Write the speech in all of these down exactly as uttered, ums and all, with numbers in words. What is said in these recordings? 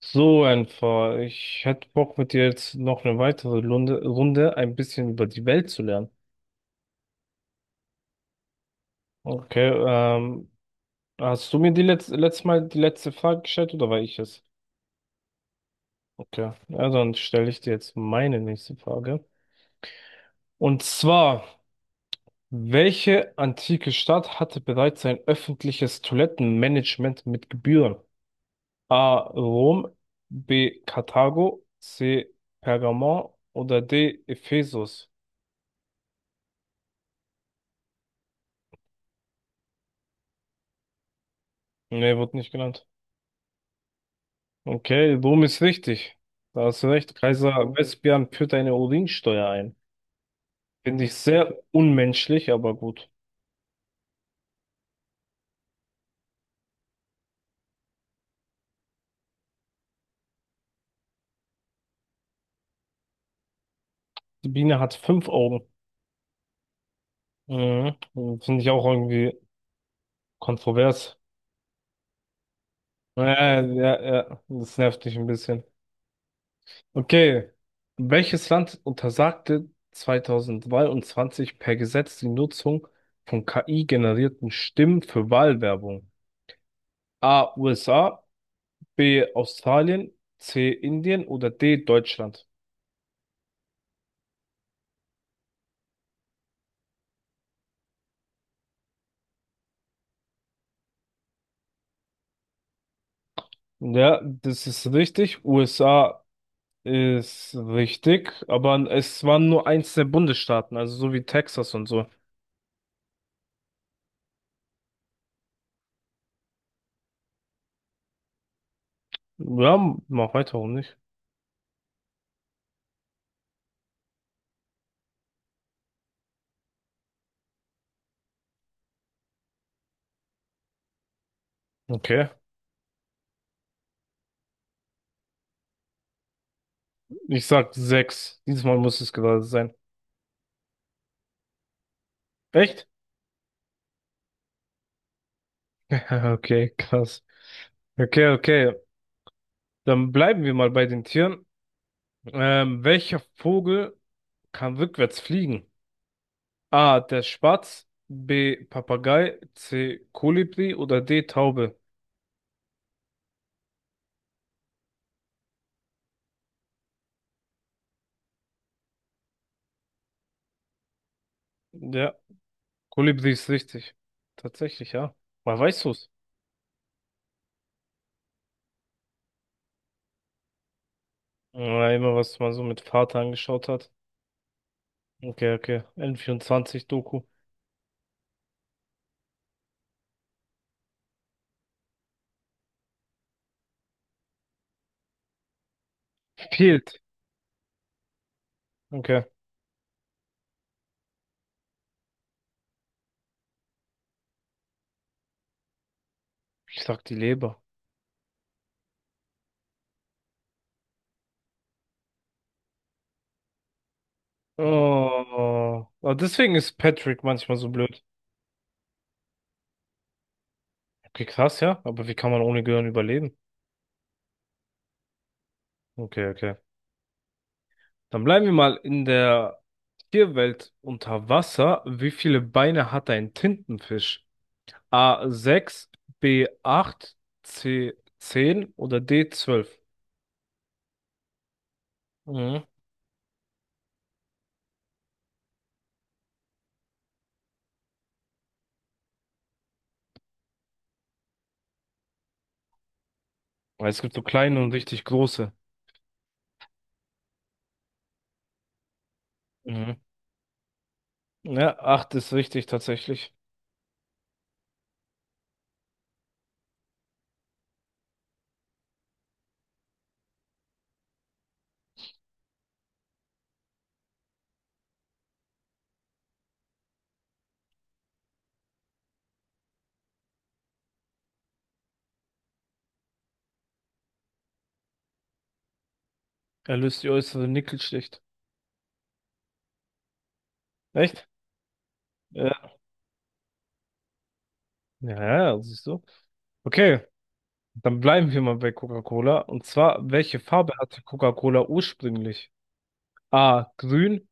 So einfach. Ich hätte Bock, mit dir jetzt noch eine weitere Runde, Runde ein bisschen über die Welt zu lernen. Okay. Ähm, hast du mir die letzte, letztes Mal die letzte Frage gestellt oder war ich es? Okay, ja, dann stelle ich dir jetzt meine nächste Frage. Und zwar, welche antike Stadt hatte bereits ein öffentliches Toilettenmanagement mit Gebühren? A. Rom, B. Karthago, C. Pergamon oder D. Ephesus? Nee, wurde nicht genannt. Okay, Rom ist richtig. Da hast du recht. Kaiser Oh. Vespasian führt eine Urinsteuer ein. Finde ich sehr unmenschlich, aber gut. Die Biene hat fünf Augen. Mhm. Finde ich auch irgendwie kontrovers. Ja, ja, ja. Das nervt mich ein bisschen. Okay. Welches Land untersagte zwanzig dreiundzwanzig per Gesetz die Nutzung von K I-generierten Stimmen für Wahlwerbung? A. U S A, B. Australien, C. Indien oder D. Deutschland? Ja, das ist richtig. U S A ist richtig, aber es waren nur eins der Bundesstaaten, also so wie Texas und so. Ja, mach weiter, warum nicht? Okay. Ich sag sechs. Diesmal muss es gerade sein. Echt? Okay, krass. Okay, okay. Dann bleiben wir mal bei den Tieren. Ähm, welcher Vogel kann rückwärts fliegen? A. Der Spatz. B. Papagei. C. Kolibri oder D. Taube? Ja. Kolibri ist richtig. Tatsächlich, ja. Woher weißt du es? Ja, immer was man so mit Vater angeschaut hat. Okay, okay. n vierundzwanzig doku Fehlt. Okay. Ich sag die Leber. Oh, aber deswegen ist Patrick manchmal so blöd. Okay, krass, ja. Aber wie kann man ohne Gehirn überleben? Okay, okay. Dann bleiben wir mal in der Tierwelt unter Wasser. Wie viele Beine hat ein Tintenfisch? A. sechs, B. acht, C. zehn oder D zwölf? Weil es gibt so kleine und richtig große. Mhm. Ja, acht ist richtig tatsächlich. Er löst die äußere Nickelschicht. Echt? Ja. Ja, ja, siehst du. Okay, dann bleiben wir mal bei Coca-Cola. Und zwar, welche Farbe hatte Coca-Cola ursprünglich? A. Grün,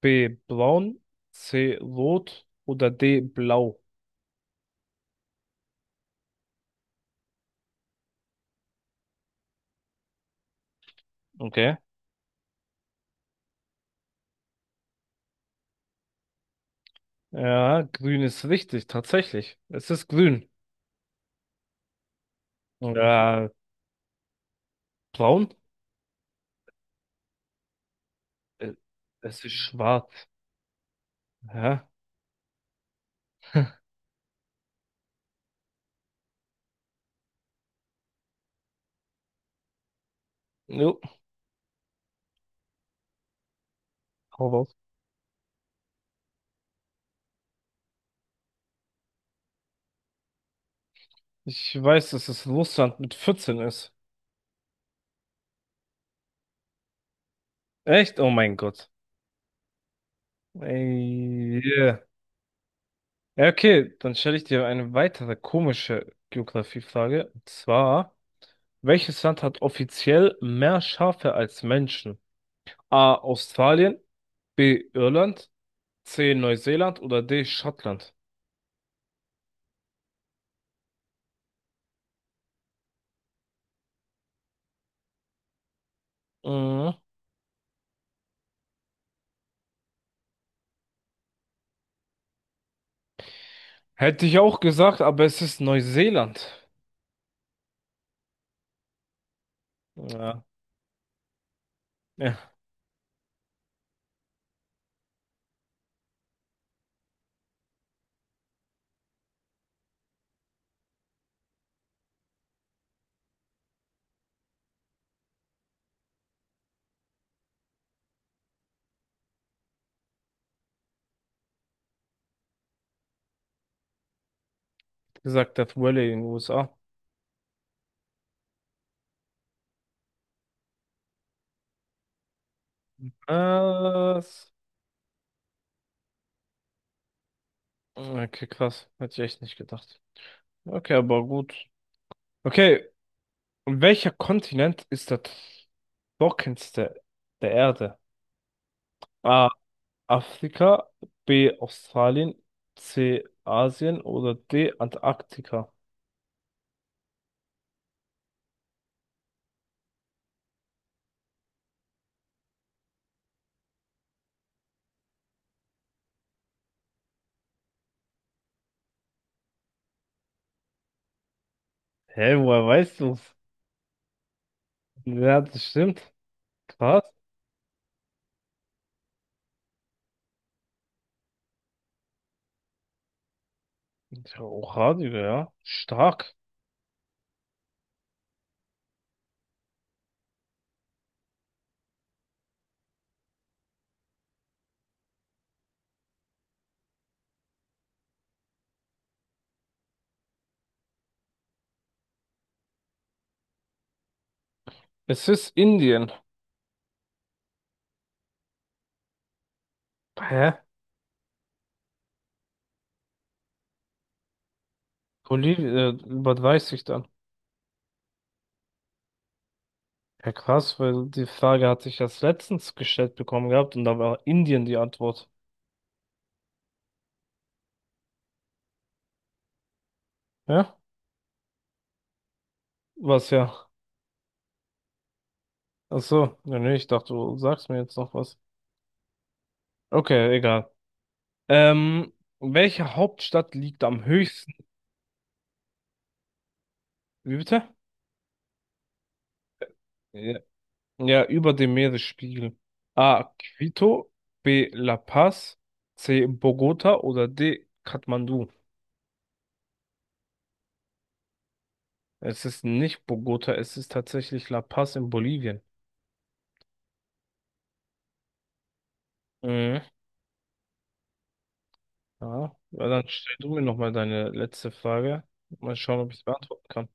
B. Braun, C. Rot oder D. Blau. Okay. Ja, grün ist richtig, tatsächlich. Es ist grün. Ja, braun? Äh, Es ist schwarz. Ja. Jo. Hau raus. Ich weiß, dass es Russland mit vierzehn ist. Echt? Oh mein Gott. Ey, yeah. Ja, okay, dann stelle ich dir eine weitere komische Geografiefrage. Und zwar, welches Land hat offiziell mehr Schafe als Menschen? A. Australien, B. Irland, C. Neuseeland oder D. Schottland? Mhm. Hätte ich auch gesagt, aber es ist Neuseeland. Ja, ja, gesagt, das Valley in den U S A. Was? Okay, krass. Hätte ich echt nicht gedacht. Okay, aber gut. Okay, und welcher Kontinent ist das trockenste der Erde? A. Afrika, B. Australien, C. Asien oder D. Antarktika? Hä, woher weißt du's? Ja, das stimmt. Krass. Ich hab auch Radio, ja. Stark. Es ist Indien. Hä? Bolivien, äh, was weiß ich dann? Ja, krass, weil die Frage hatte ich erst letztens gestellt bekommen gehabt und da war Indien die Antwort. Ja? Was ja. Ach so, ja, nee, ich dachte, du sagst mir jetzt noch was. Okay, egal. Ähm, welche Hauptstadt liegt am höchsten? Wie bitte? Ja, ja, über dem Meeresspiegel. A. Quito, B. La Paz, C. Bogota oder D. Kathmandu. Es ist nicht Bogota, es ist tatsächlich La Paz in Bolivien. Mhm. Ja, ja, dann stell du mir nochmal deine letzte Frage. Mal schauen, ob ich es beantworten kann.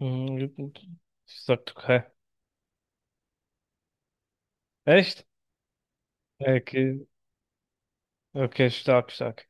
Mhm, ich sag Türkei. Echt? Okay. Okay, stark, stark.